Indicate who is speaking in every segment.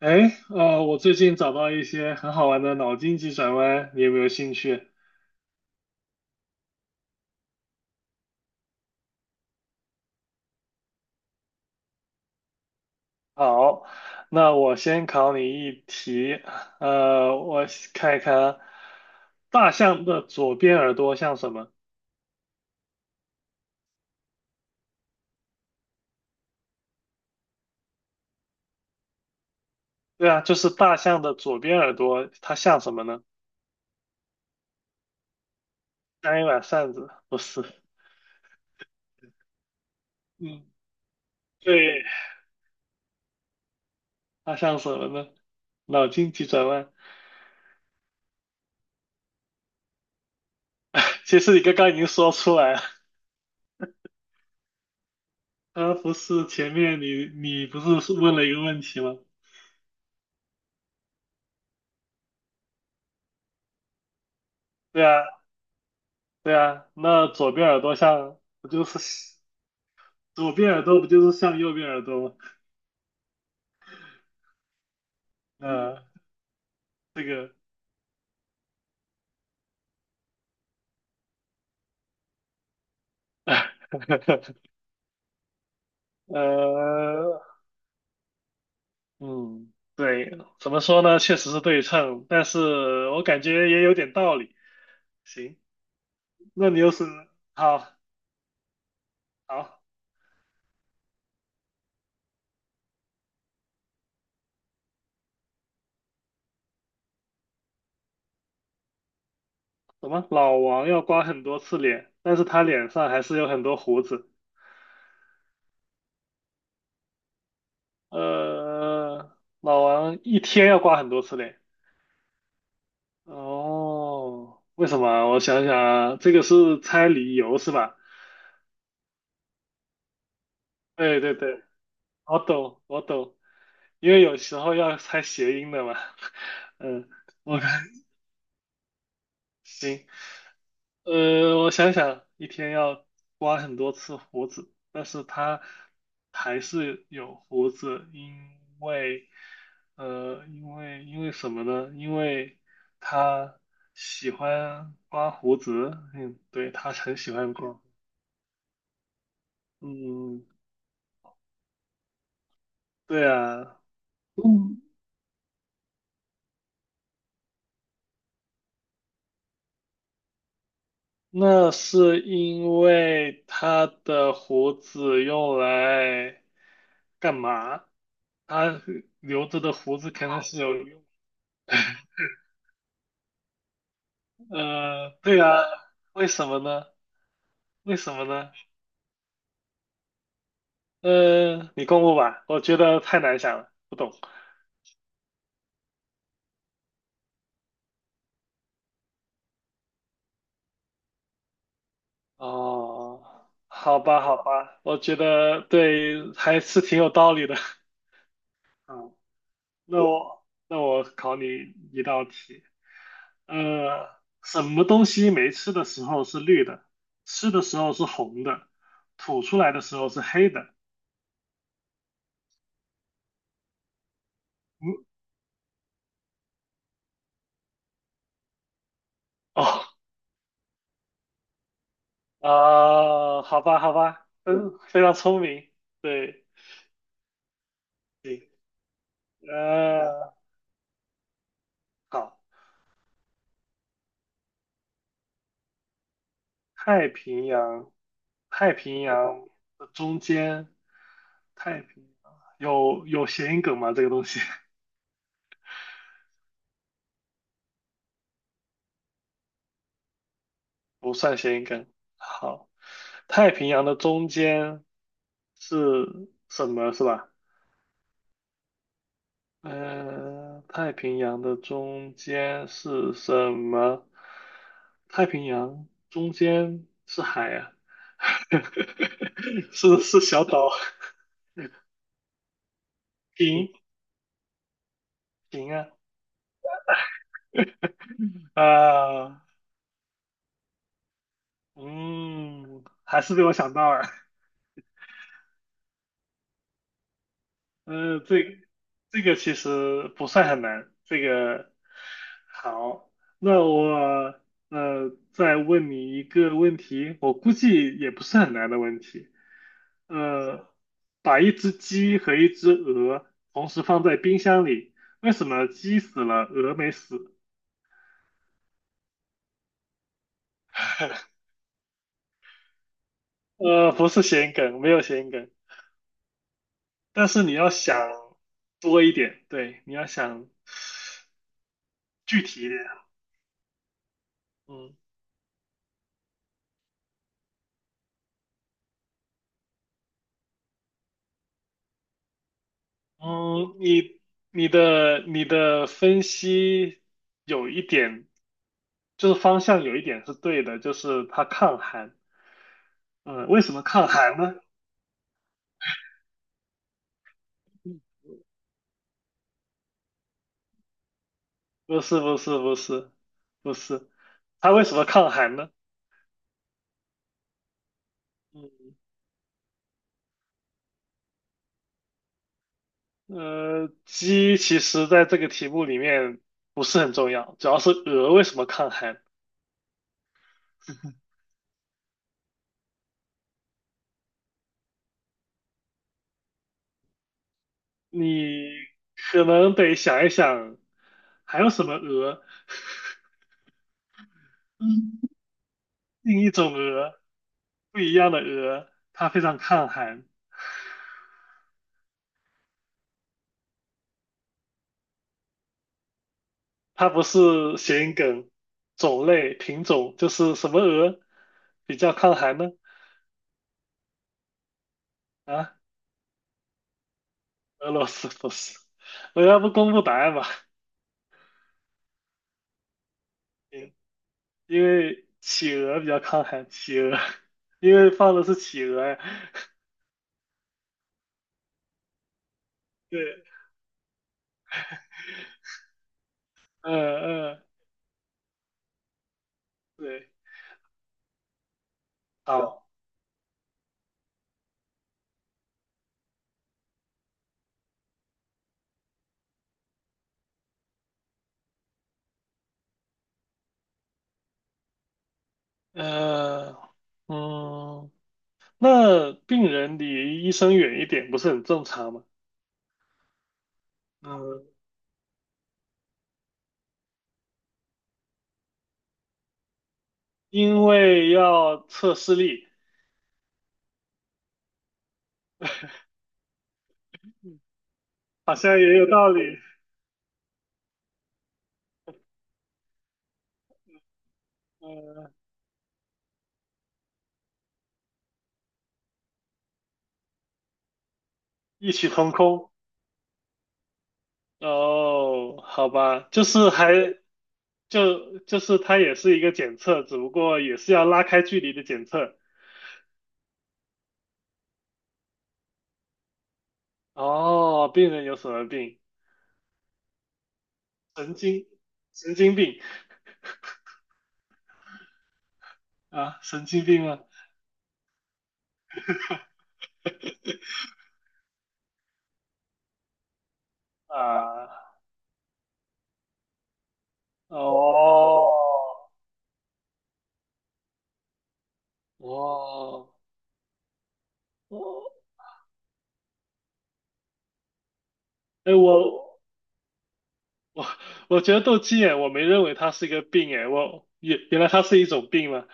Speaker 1: 哎，我最近找到一些很好玩的脑筋急转弯，你有没有兴趣？好，那我先考你一题，我看一看啊，大象的左边耳朵像什么？对啊，就是大象的左边耳朵，它像什么呢？像一把扇子，不是？嗯，对，它像什么呢？脑筋急转弯，其实你刚刚已经说出来了，不是前面你不是问了一个问题吗？对啊，对啊，那左边耳朵像不就是左边耳朵不就是像右边耳朵吗？嗯呃，这个，呃，嗯，对，怎么说呢？确实是对称，但是我感觉也有点道理。行，那你又是好好什么？老王要刮很多次脸，但是他脸上还是有很多胡子。呃，老王一天要刮很多次脸。哦，为什么啊我想想啊，这个是猜理由是吧？对对对，我懂我懂，因为有时候要猜谐音的嘛。嗯，我看行，我想想，一天要刮很多次胡子，但是他还是有胡子，因为因为什么呢？因为他喜欢刮胡子，嗯，对，他很喜欢刮。嗯，对啊，嗯，那是因为他的胡子用来干嘛？他留着的胡子肯定是有用。对啊，为什么呢？为什么呢？你公布吧，我觉得太难想了，不懂。哦，好吧，好吧，我觉得对，还是挺有道理的。那我那我考你一道题，呃，什么东西没吃的时候是绿的，吃的时候是红的，吐出来的时候是黑的？嗯，哦，啊、好吧，好吧，嗯，非常聪明，对，行，呃，好，太平洋，太平洋的中间，太平有有谐音梗吗？这个东西 不算谐音梗。好，太平洋的中间。是什么是吧？嗯，太平洋的中间是什么？太平洋中间是海啊，是是小岛，平平啊啊，嗯，还是被我想到了。呃，这这个其实不算很难。这个好，那我再问你一个问题，我估计也不是很难的问题。呃，把一只鸡和一只鹅同时放在冰箱里，为什么鸡死了，鹅没死？不是谐音梗，没有谐音梗，但是你要想多一点，对，你要想具体一点。嗯。嗯，你的你的分析有一点，就是方向有一点是对的，就是它抗寒。嗯，为什么抗寒呢？不是不是不是不是，它为什么抗寒呢？嗯，鸡其实在这个题目里面不是很重要，主要是鹅为什么抗寒 你可能得想一想，还有什么鹅？另一种鹅，不一样的鹅，它非常抗寒，它不是谐音梗，种类品种就是什么鹅比较抗寒呢？啊，俄罗斯不是，我要不公布答案吧？嗯因为企鹅比较抗寒，企鹅，因为放的是企鹅呀。对，嗯嗯，对，好，嗯嗯，那病人离医生远一点不是很正常吗？嗯，因为要测视力，好像也有道理。嗯，异曲同工。哦，好吧，就是还就就是它也是一个检测，只不过也是要拉开距离的检测。哦，病人有什么病？神经神经病啊，神经病吗？啊，哦哦哦，哎，我我觉得斗鸡眼，我没认为它是一个病，哎，我原原来它是一种病吗？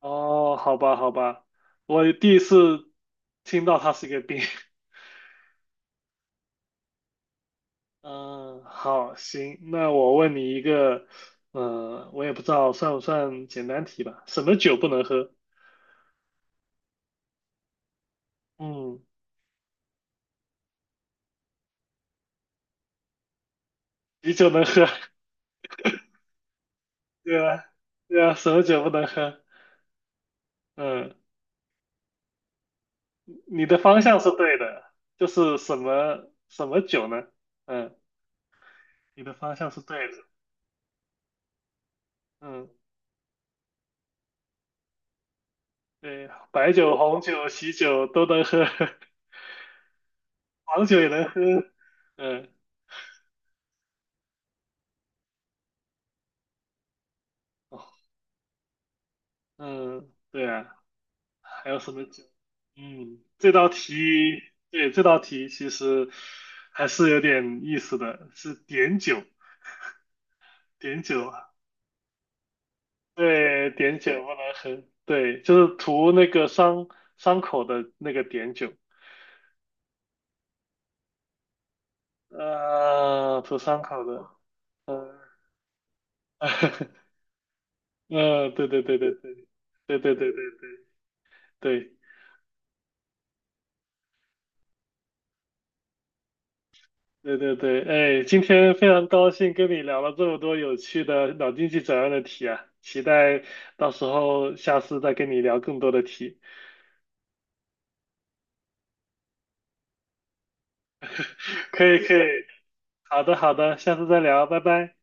Speaker 1: 哦，好吧，好吧，我第一次听到它是一个病。嗯，好，行，那我问你一个，嗯、我也不知道算不算简单题吧？什么酒不能喝？嗯，啤酒能喝，对啊，对啊，什么酒不能喝？嗯，你的方向是对的，就是什么什么酒呢？嗯，你的方向是对的，嗯，对，白酒、红酒、喜酒都能喝，黄酒也能喝，嗯。嗯，对啊，还有什么酒？嗯，这道题，对，这道题其实还是有点意思的，是碘酒，碘酒，对，碘酒不能喝，对，就是涂那个伤伤口的那个碘酒，涂伤口的，呃嗯，对对对对对对对对对对，对对对，哎，今天非常高兴跟你聊了这么多有趣的脑筋急转弯的题啊，期待到时候下次再跟你聊更多的题。可以可以，好的好的，下次再聊，拜拜。